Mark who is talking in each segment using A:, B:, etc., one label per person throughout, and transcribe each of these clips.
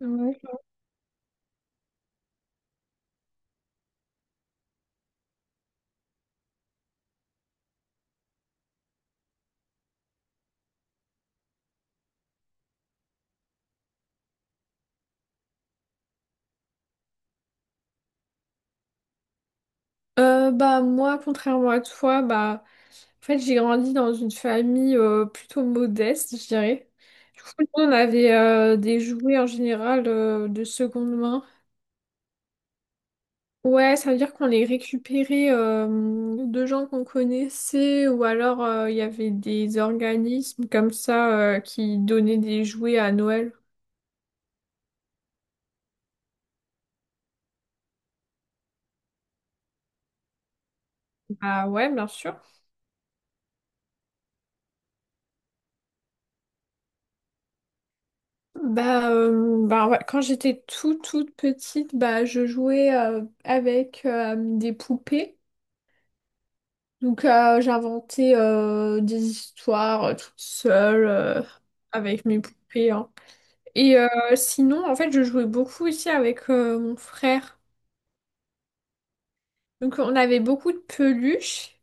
A: Ouais. Bah moi, contrairement à toi, bah en fait j'ai grandi dans une famille plutôt modeste, je dirais. Du coup, nous, on avait des jouets en général de seconde main. Ouais, ça veut dire qu'on les récupérait de gens qu'on connaissait ou alors il y avait des organismes comme ça qui donnaient des jouets à Noël. Bah ouais, bien sûr. Bah, bah ouais, quand j'étais toute toute petite, bah je jouais avec des poupées. Donc j'inventais des histoires toute seule avec mes poupées, hein. Et sinon, en fait, je jouais beaucoup aussi avec mon frère. Donc on avait beaucoup de peluches.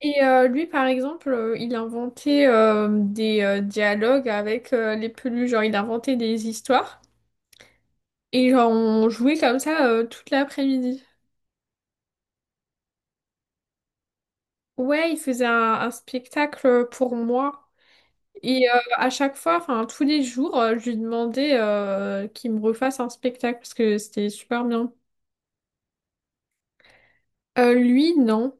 A: Et lui, par exemple, il inventait des dialogues avec les peluches. Genre, il inventait des histoires. Et genre, on jouait comme ça toute l'après-midi. Ouais, il faisait un spectacle pour moi. Et à chaque fois, enfin tous les jours, je lui demandais qu'il me refasse un spectacle parce que c'était super bien. Lui, non.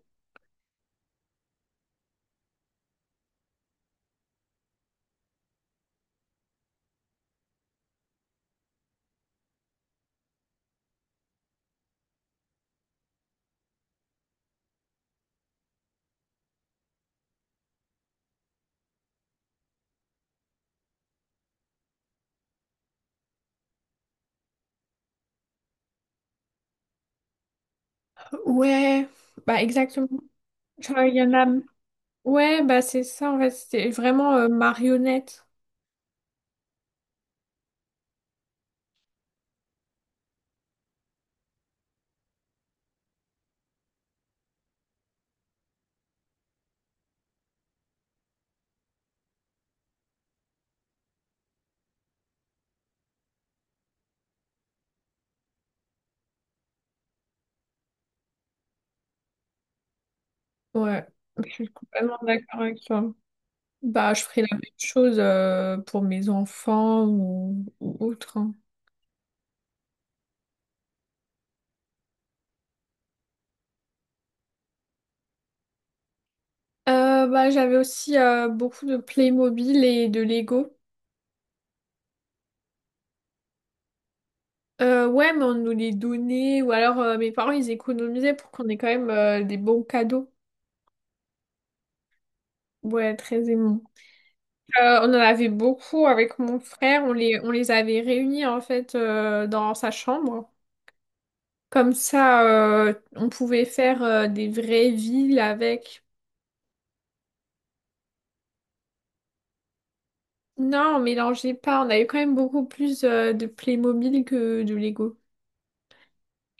A: Ouais, bah exactement. Genre, il y en a... Ouais, bah c'est ça en fait, c'était vraiment marionnette. Ouais, je suis complètement d'accord avec toi. Bah je ferai la même chose pour mes enfants ou autre, hein. Bah j'avais aussi beaucoup de Playmobil et de Lego. Ouais, mais on nous les donnait, ou alors mes parents ils économisaient pour qu'on ait quand même des bons cadeaux. Ouais, très aimant. On en avait beaucoup avec mon frère, on les avait réunis en fait dans sa chambre. Comme ça, on pouvait faire des vraies villes avec. Non, on mélangeait pas, on avait quand même beaucoup plus de Playmobil que de Lego.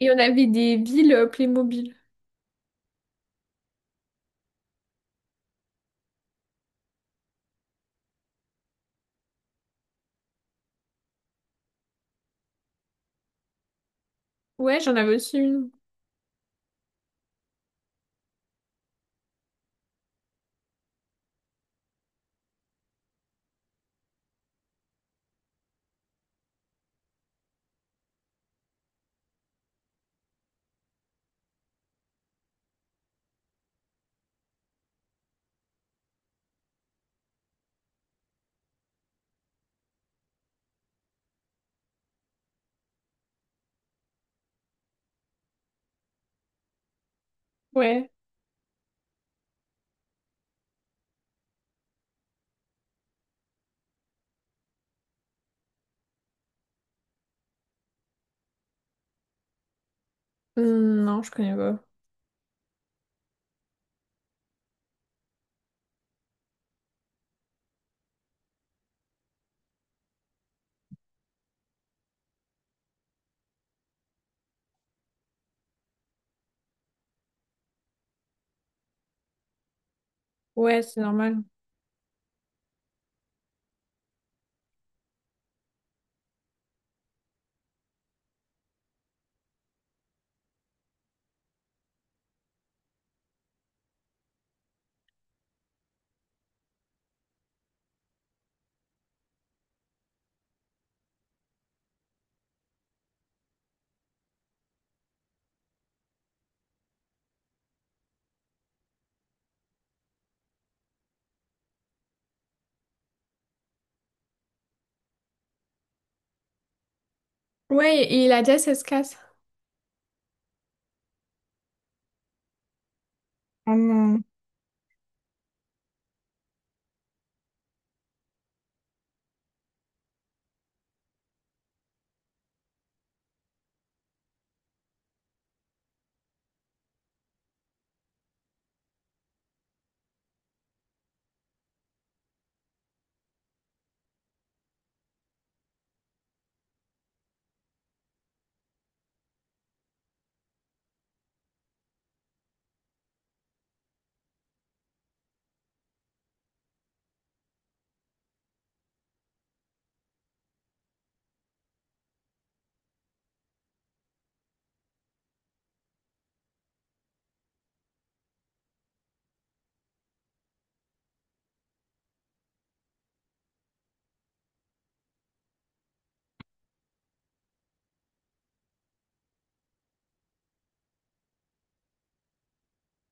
A: Et on avait des villes Playmobil. Ouais, j'en avais aussi une. Ouais. Non, je connais pas. Ouais, c'est normal. Ouais, et la déesse, elle se casse. Oh non.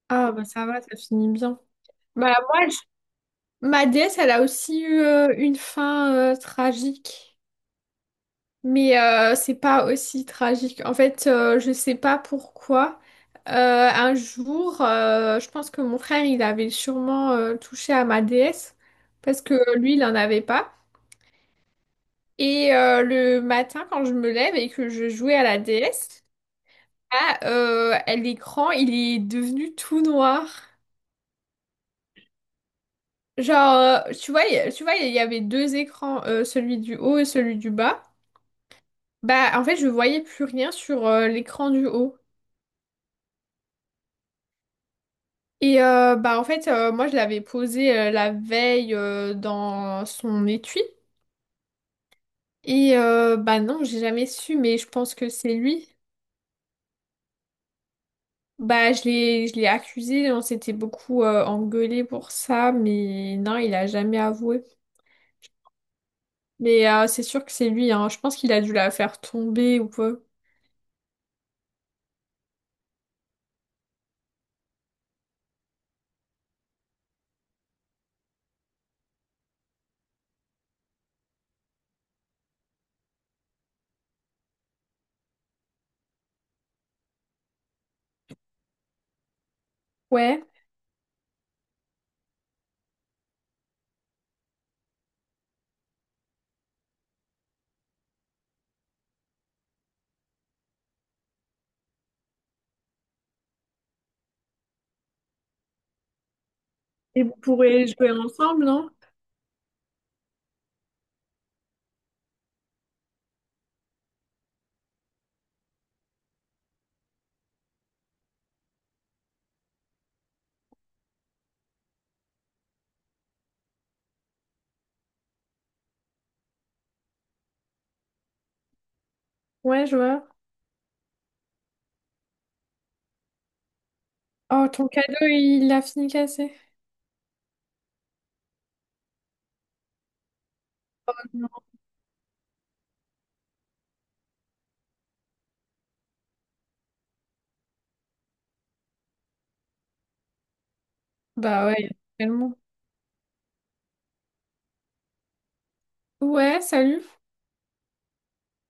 A: Ah, bah ça va, ça finit bien. Bah moi, ma déesse, elle a aussi eu une fin tragique. Mais c'est pas aussi tragique. En fait, je sais pas pourquoi. Euh, un jour, je pense que mon frère, il avait sûrement touché à ma déesse. Parce que lui, il en avait pas. Et le matin, quand je me lève et que je jouais à la déesse, ah, l'écran, il est devenu tout noir. Genre, tu vois, tu vois, il y avait deux écrans, celui du haut et celui du bas. Bah, en fait, je voyais plus rien sur l'écran du haut. Et bah, en fait, moi, je l'avais posé la veille dans son étui. Et bah, non, j'ai jamais su, mais je pense que c'est lui. Bah, je l'ai accusé, on s'était beaucoup engueulé pour ça, mais non, il a jamais avoué. Mais c'est sûr que c'est lui, hein. Je pense qu'il a dû la faire tomber ou quoi. Ouais. Et vous pourrez jouer ensemble, non? Ouais, je vois. Oh, ton cadeau, il a fini cassé. Bah ouais, tellement. Ouais, salut.